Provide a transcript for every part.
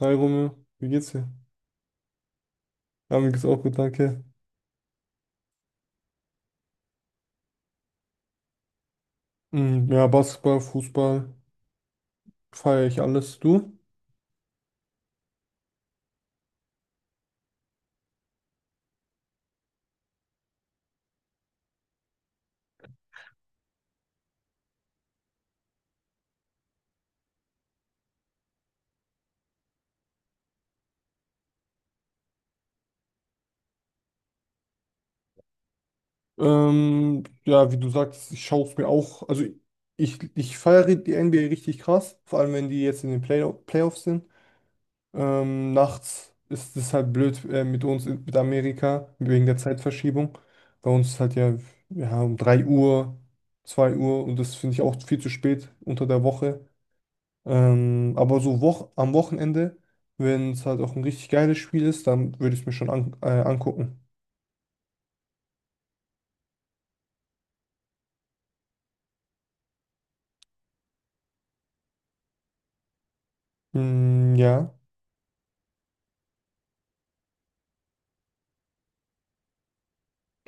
Hi Romeo, wie geht's dir? Ja, mir geht's auch gut, danke. Mm, ja, Basketball, Fußball, feiere ich alles. Du? Ja, wie du sagst, ich schaue es mir auch. Also ich feiere die NBA richtig krass, vor allem wenn die jetzt in den Playoffs sind. Nachts ist es halt blöd, mit uns, mit Amerika, wegen der Zeitverschiebung. Bei uns ist halt ja, ja um 3 Uhr, 2 Uhr, und das finde ich auch viel zu spät unter der Woche. Aber so wo am Wochenende, wenn es halt auch ein richtig geiles Spiel ist, dann würde ich es mir schon an angucken. Mm, ja,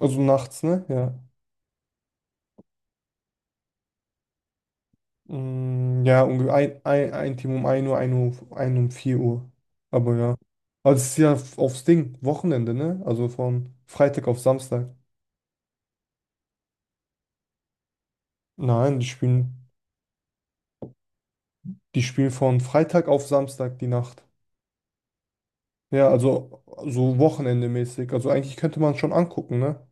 also nachts, ne? Ja. Mm, ja, ungefähr ein Team um ein Uhr, ein Uhr, ein um 4 Uhr. Aber ja. Also es ist ja aufs Ding, Wochenende, ne? Also von Freitag auf Samstag. Nein, die spielen von Freitag auf Samstag die Nacht. Ja, also so wochenendemäßig. Also eigentlich könnte man schon angucken, ne?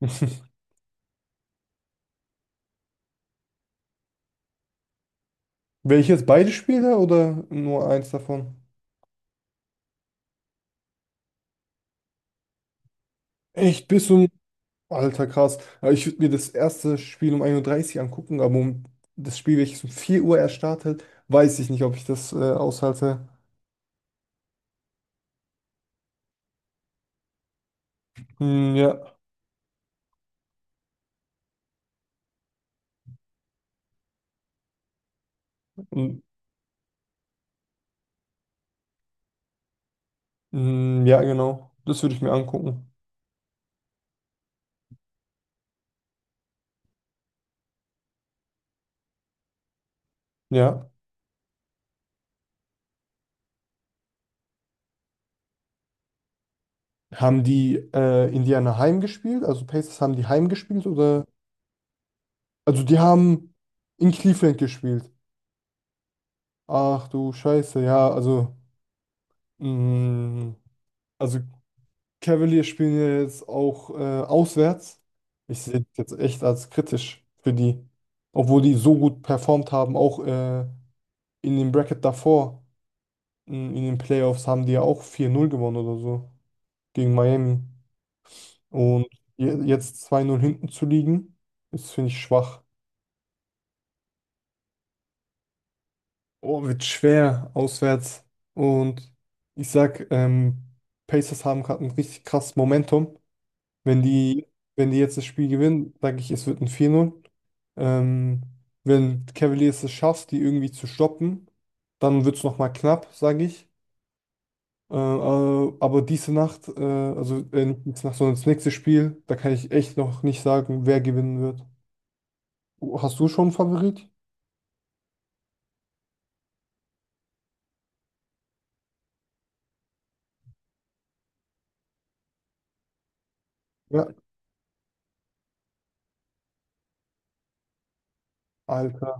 Wäre ich jetzt beide Spiele oder nur eins davon? Echt, bis um. Alter, krass. Ja, ich würde mir das erste Spiel um 1:30 Uhr angucken, aber um das Spiel, welches um 4 Uhr erst startet, weiß ich nicht, ob ich das aushalte. Hm, ja. Hm, hm, ja, genau. Das würde ich mir angucken. Ja. Haben die, Indiana heimgespielt? Also Pacers haben die heimgespielt, oder? Also die haben in Cleveland gespielt. Ach du Scheiße, ja, also. Hm, also. Cavaliers spielen ja jetzt auch auswärts. Ich sehe das jetzt echt als kritisch für die. Obwohl die so gut performt haben, auch, in dem Bracket davor, in den Playoffs, haben die ja auch 4-0 gewonnen oder so gegen Miami. Und jetzt 2-0 hinten zu liegen, ist, finde ich, schwach. Oh, wird schwer auswärts. Und ich sag, Pacers haben gerade ein richtig krasses Momentum. Wenn die, wenn die jetzt das Spiel gewinnen, sage ich, es wird ein 4-0. Ähm, Wenn Cavaliers es schafft, die irgendwie zu stoppen, dann wird es nochmal knapp, sage ich. Aber diese Nacht, also, nicht diese Nacht, sondern das nächste Spiel, da kann ich echt noch nicht sagen, wer gewinnen wird. Hast du schon einen Favorit? Ja. Alter.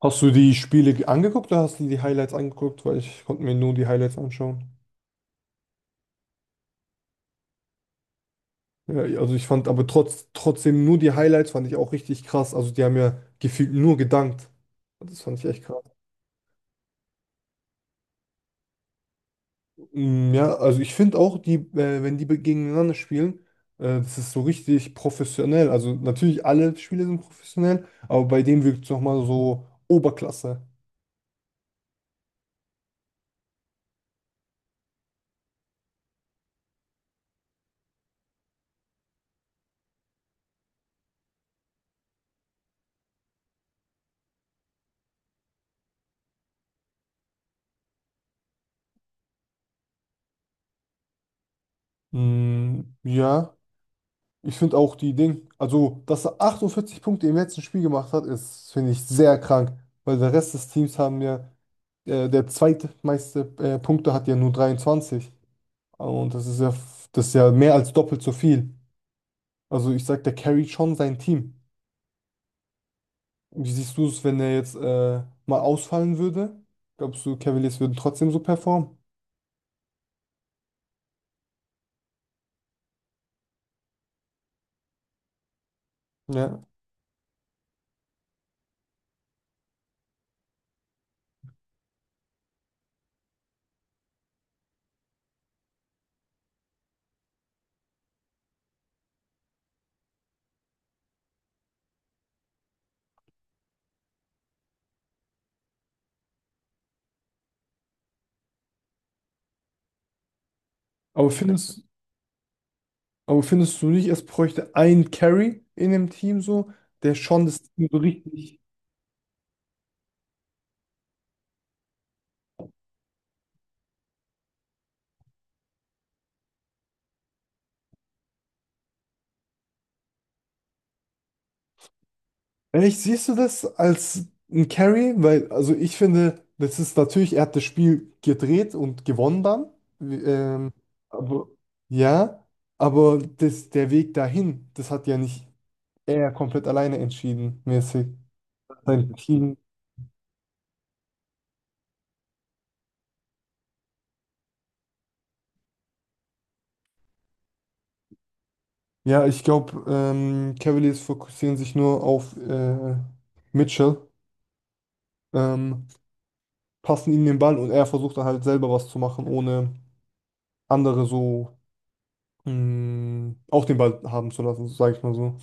Hast du die Spiele angeguckt oder hast du die Highlights angeguckt? Weil ich konnte mir nur die Highlights anschauen. Ja, ja, also ich fand aber, trotzdem, nur die Highlights fand ich auch richtig krass. Also die haben ja gefühlt nur gedankt. Das fand ich echt krass. Mm, ja, also ich finde auch, wenn die gegeneinander spielen, das ist so richtig professionell. Also natürlich alle Spiele sind professionell, aber bei denen wirkt es nochmal so Oberklasse. Mm, ja, ich finde auch die Ding, also dass er 48 Punkte im letzten Spiel gemacht hat, ist, finde ich, sehr krank, weil der Rest des Teams haben ja, der zweitmeiste, Punkte hat ja nur 23. Und das ist ja mehr als doppelt so viel. Also ich sag, der carryt schon sein Team. Wie siehst du es, wenn er jetzt, mal ausfallen würde? Glaubst du, Cavaliers würden trotzdem so performen? Ja. Aber findest, aber findest du nicht, es bräuchte einen Carry in dem Team so, der schon das Team so richtig Echt, siehst du das als ein Carry? Weil, also ich finde, das ist natürlich, er hat das Spiel gedreht und gewonnen dann. Wie- Ähm, aber, ja, aber das, der Weg dahin, das hat ja nicht er komplett alleine entschieden, mäßig. Sein Team. Ja, ich glaube, Cavaliers fokussieren sich nur auf, Mitchell, ähm, passen ihm den Ball und er versucht dann halt selber was zu machen, ohne andere so auch den Ball haben zu lassen, sage ich mal so.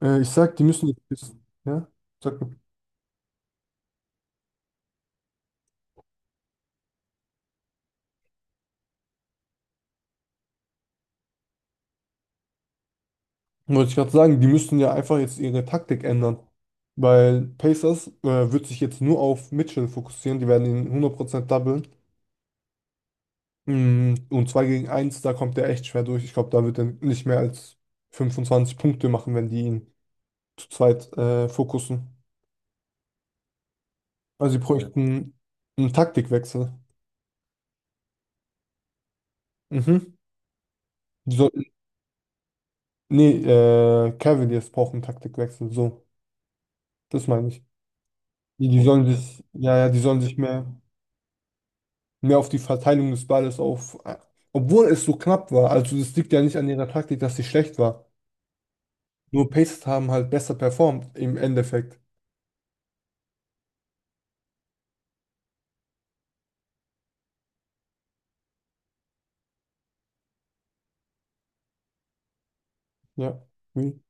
Ich sag, die müssen jetzt, ja, sag mal. Wollte ich gerade sagen, die müssen ja einfach jetzt ihre Taktik ändern. Weil Pacers, wird sich jetzt nur auf Mitchell fokussieren. Die werden ihn 100% doublen. Mm, und 2 gegen eins, da kommt er echt schwer durch. Ich glaube, da wird er nicht mehr als 25 Punkte machen, wenn die ihn zu zweit fokussen. Also sie bräuchten einen Taktikwechsel. Mhm. Die sollten, nee, Cavaliers brauchen einen Taktikwechsel. So, das meine ich. Die sollen sich, ja, ja, die sollen sich mehr. Mehr auf die Verteilung des Balles auf, obwohl es so knapp war. Also das liegt ja nicht an ihrer Taktik, dass sie schlecht war. Nur Pacers haben halt besser performt im Endeffekt. Ja. Hm.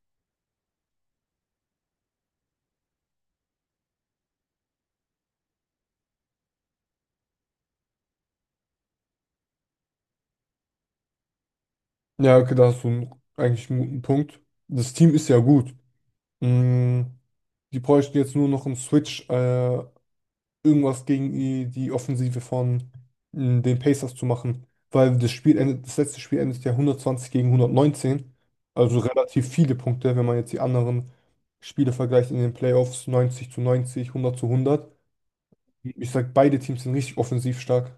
Ja, okay, da hast du einen, eigentlich einen guten Punkt. Das Team ist ja gut. Mm, die bräuchten jetzt nur noch einen Switch, irgendwas gegen die, die Offensive von den Pacers zu machen. Weil das Spiel endet, das letzte Spiel endet ja 120 gegen 119. Also relativ viele Punkte, wenn man jetzt die anderen Spiele vergleicht in den Playoffs, 90 zu 90, 100 zu 100. Ich sag, beide Teams sind richtig offensiv stark.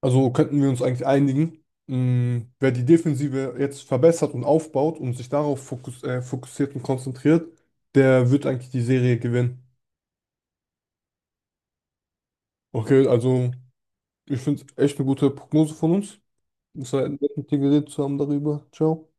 Also könnten wir uns eigentlich einigen, wer die Defensive jetzt verbessert und aufbaut und sich darauf fokussiert und konzentriert, der wird eigentlich die Serie gewinnen. Okay, also ich finde es echt eine gute Prognose von uns. Es war nett, mit dir geredet zu haben darüber. Ciao.